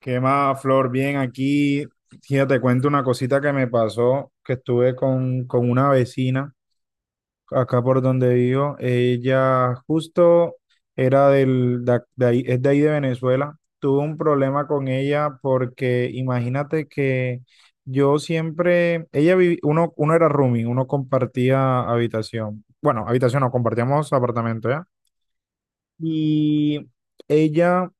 ¿Qué más, Flor? Bien, aquí, fíjate, te cuento una cosita que me pasó, que estuve con una vecina acá por donde vivo. Ella justo era del, de, ac- de ahí, es de ahí de Venezuela. Tuve un problema con ella porque imagínate que yo siempre, ella vivi- uno era roomie, uno compartía habitación. Bueno, habitación no, compartíamos apartamento, ¿ya? Y ella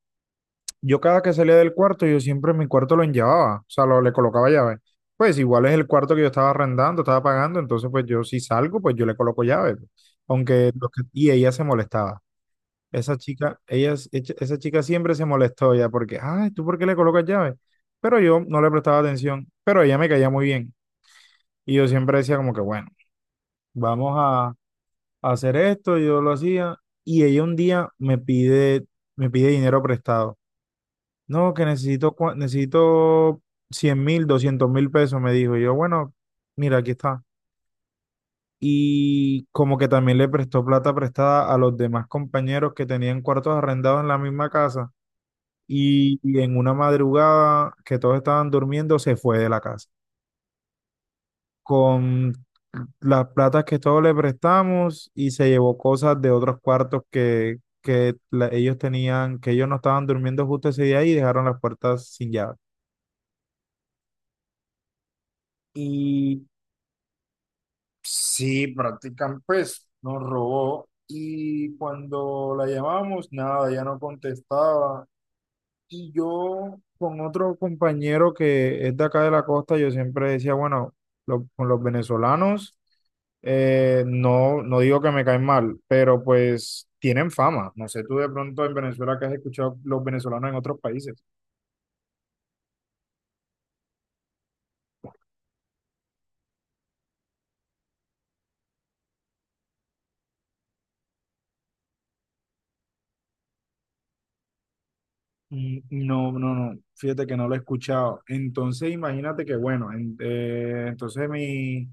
yo cada que salía del cuarto, yo siempre en mi cuarto lo enllevaba, o sea, le colocaba llave. Pues igual es el cuarto que yo estaba arrendando, estaba pagando, entonces pues yo si salgo, pues yo le coloco llave, pues. Y ella se molestaba. Esa chica, ella, es- echa- esa chica siempre se molestó ya porque, ay, ¿tú por qué le colocas llave? Pero yo no le prestaba atención, pero ella me caía muy bien. Y yo siempre decía como que, bueno, vamos a hacer esto, yo lo hacía. Y ella un día me pide dinero prestado. No, que necesito 100.000, 200.000 pesos, me dijo. Y yo, bueno, mira, aquí está. Y como que también le prestó plata prestada a los demás compañeros que tenían cuartos arrendados en la misma casa. Y en una madrugada que todos estaban durmiendo, se fue de la casa con las platas que todos le prestamos y se llevó cosas de otros cuartos que ellos tenían, que ellos no estaban durmiendo justo ese día y dejaron las puertas sin llave. y Sí, practican, pues nos robó, y cuando la llamamos, nada, ya no contestaba. Y yo con otro compañero que es de acá de la costa, yo siempre decía, bueno, con los venezolanos, no, no digo que me caen mal, pero pues tienen fama. No sé tú de pronto en Venezuela que has escuchado los venezolanos en otros países. Mm, no, no, no, fíjate que no lo he escuchado. Entonces, imagínate que, bueno,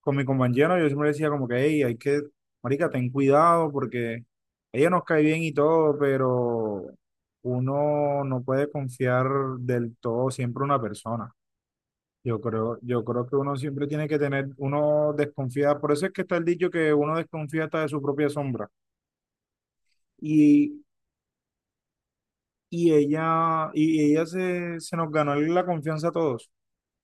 con mi compañero yo siempre decía como que, hey, hay que, marica, ten cuidado porque ella nos cae bien y todo, pero uno no puede confiar del todo siempre en una persona. Yo creo que uno siempre tiene que tener, uno desconfía, por eso es que está el dicho que uno desconfía hasta de su propia sombra. Y, y ella se nos ganó la confianza a todos,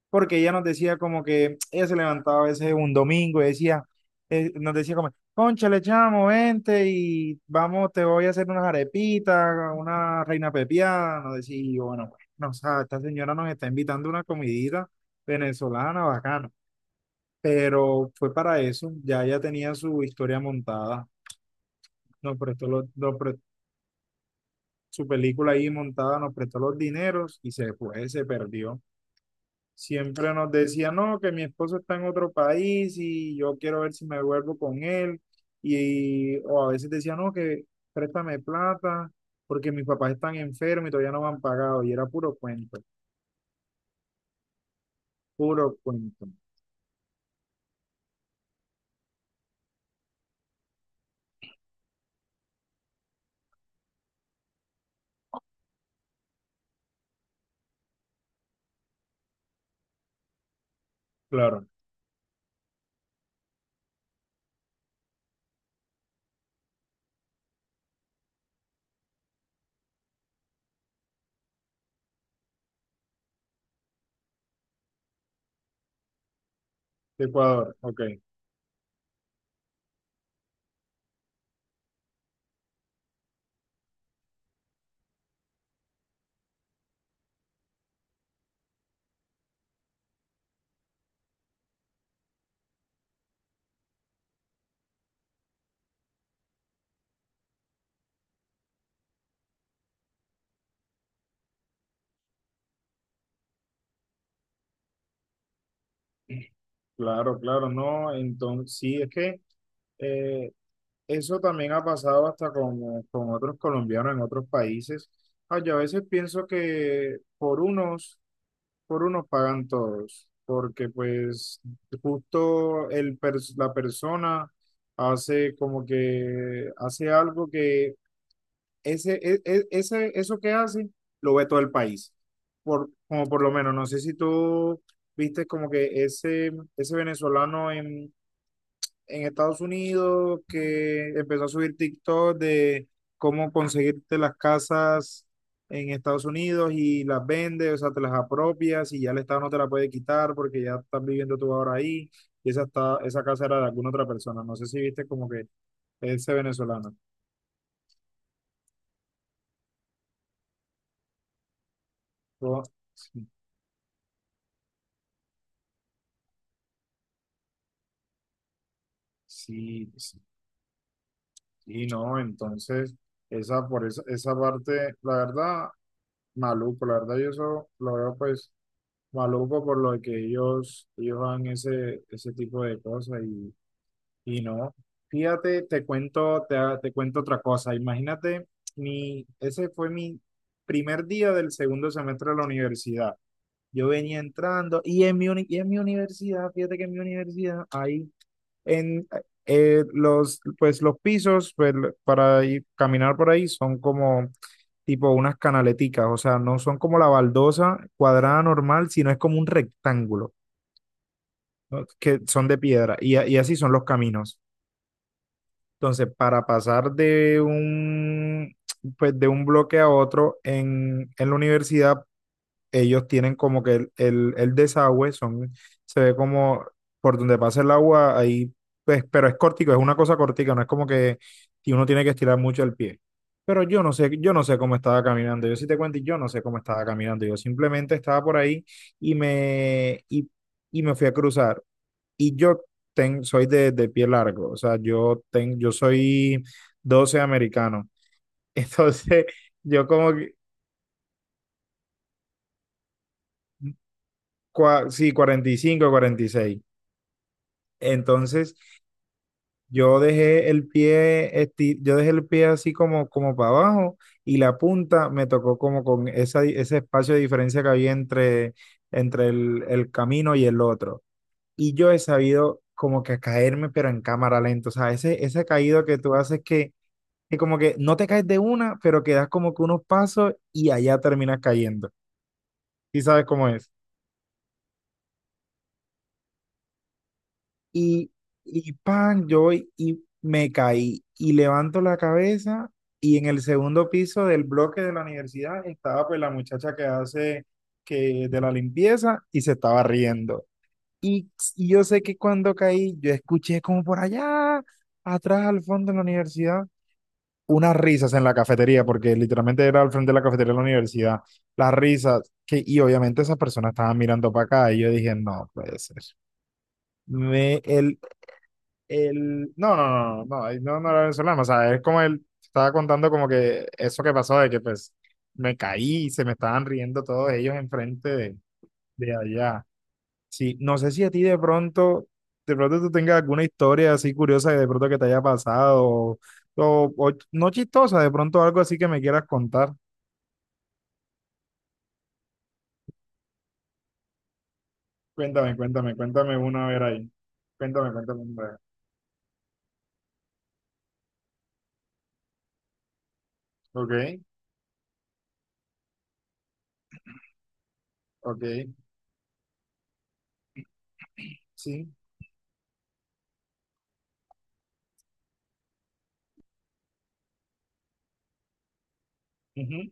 porque ella nos decía como que ella se levantaba a veces un domingo y decía, nos decía como, cónchale, chamo, vente y vamos, te voy a hacer unas arepitas, una reina pepiada, nos decía, y yo, bueno, pues, no, o sea, esta señora nos está invitando a una comidita venezolana bacana, pero fue para eso, ya ella tenía su historia montada, nos prestó los, nos pre- su película ahí montada, nos prestó los dineros y se fue, se perdió. Siempre nos decía, no, que mi esposo está en otro país y yo quiero ver si me vuelvo con él. O a veces decía, no, que préstame plata porque mis papás están enfermos y todavía no me han pagado. Y era puro cuento, puro cuento. Claro, de Ecuador, ok. Claro, claro, no. Entonces, sí, es que eh, eso también ha pasado hasta con otros colombianos en otros países. Ah, yo a veces pienso que Por unos pagan todos, porque pues justo la persona hace como que hace algo que ese, e- e- ese, eso que hace lo ve todo el país. Como por lo menos, no sé si tú viste como que ese venezolano en Estados Unidos que empezó a subir TikTok de cómo conseguirte las casas en Estados Unidos y las vendes, o sea, te las apropias y ya el Estado no te la puede quitar porque ya estás viviendo tú ahora ahí y esa casa era de alguna otra persona. No sé si viste como que ese venezolano. Yo, sí, sí, y no, entonces, por esa parte, la verdad, maluco, la verdad, yo eso lo veo, pues maluco por lo que ellos, hagan ese tipo de cosas y, no. Fíjate, te cuento otra cosa. Imagínate, ese fue mi primer día del segundo semestre de la universidad. Yo venía entrando y y en mi universidad, fíjate que en mi universidad hay en pues los pisos, pues, para caminar por ahí son como tipo unas canaleticas, o sea, no son como la baldosa cuadrada normal, sino es como un rectángulo, ¿no?, que son de piedra, y así son los caminos. Entonces, para pasar de pues, de un bloque a otro en la universidad, ellos tienen como que el desagüe, se ve como por donde pasa el agua, ahí, pues, pero es cortico, es una cosa cortica, no es como que uno tiene que estirar mucho el pie. Pero yo no sé cómo estaba caminando. Yo sí te cuento, y yo no sé cómo estaba caminando. Yo simplemente estaba por ahí y me, y, y me fui a cruzar. Y yo soy de pie largo, o sea, yo soy 12 americano. Entonces, yo como que, sí, 45, 46. Entonces, yo dejé el pie así como, como para abajo, y la punta me tocó como con ese espacio de diferencia que había entre, el camino y el otro. Y yo he sabido como que caerme, pero en cámara lenta. O sea, ese caído que tú haces que, como que no te caes de una, pero que das como que unos pasos y allá terminas cayendo. ¿Y sabes cómo es? Y, y pan, yo voy y me caí y levanto la cabeza, y en el segundo piso del bloque de la universidad estaba pues la muchacha que hace que de la limpieza y se estaba riendo. Y, y yo sé que cuando caí, yo escuché como por allá, atrás, al fondo de la universidad, unas risas en la cafetería, porque literalmente era al frente de la cafetería de la universidad, las risas, que, y obviamente esas personas estaban mirando para acá y yo dije, no puede ser. Me, el, no, no, no, no, no, no, no era venezolano, o sea, es como él estaba contando como que eso que pasó, de que pues me caí y se me estaban riendo todos ellos enfrente de, allá. Sí, no sé si a ti de pronto, tú tengas alguna historia así curiosa de pronto que te haya pasado, o no chistosa, de pronto algo así que me quieras contar. Cuéntame, cuéntame, cuéntame una vez ahí. Cuéntame, cuéntame una vez, ver. Ok, ok, sí, ujú,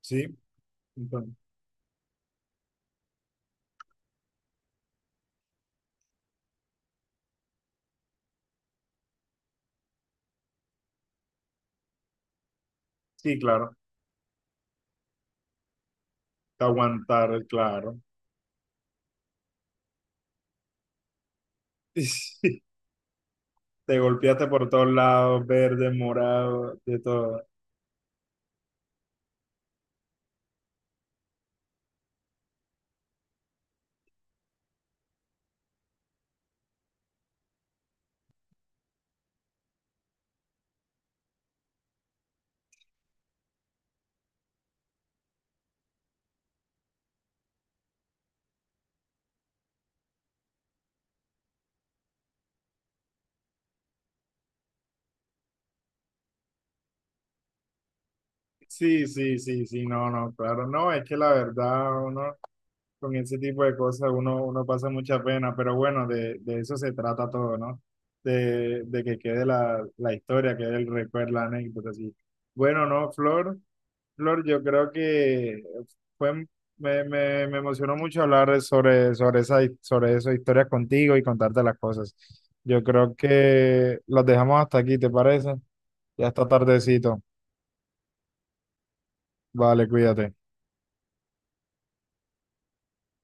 sí, entonces, sí, claro. Te aguantar, claro. Te golpeaste por todos lados, verde, morado, de todo. Sí, sí, sí, sí, no, no, claro, no, es que la verdad, uno con ese tipo de cosas, uno pasa mucha pena, pero bueno, de eso se trata todo, ¿no? De que quede la historia, quede el recuerdo, la anécdota, sí. Bueno, no, Flor, yo creo que fue, me emocionó mucho hablar sobre esas historias contigo y contarte las cosas. Yo creo que las dejamos hasta aquí, ¿te parece? Ya está tardecito. Vale, cuídate.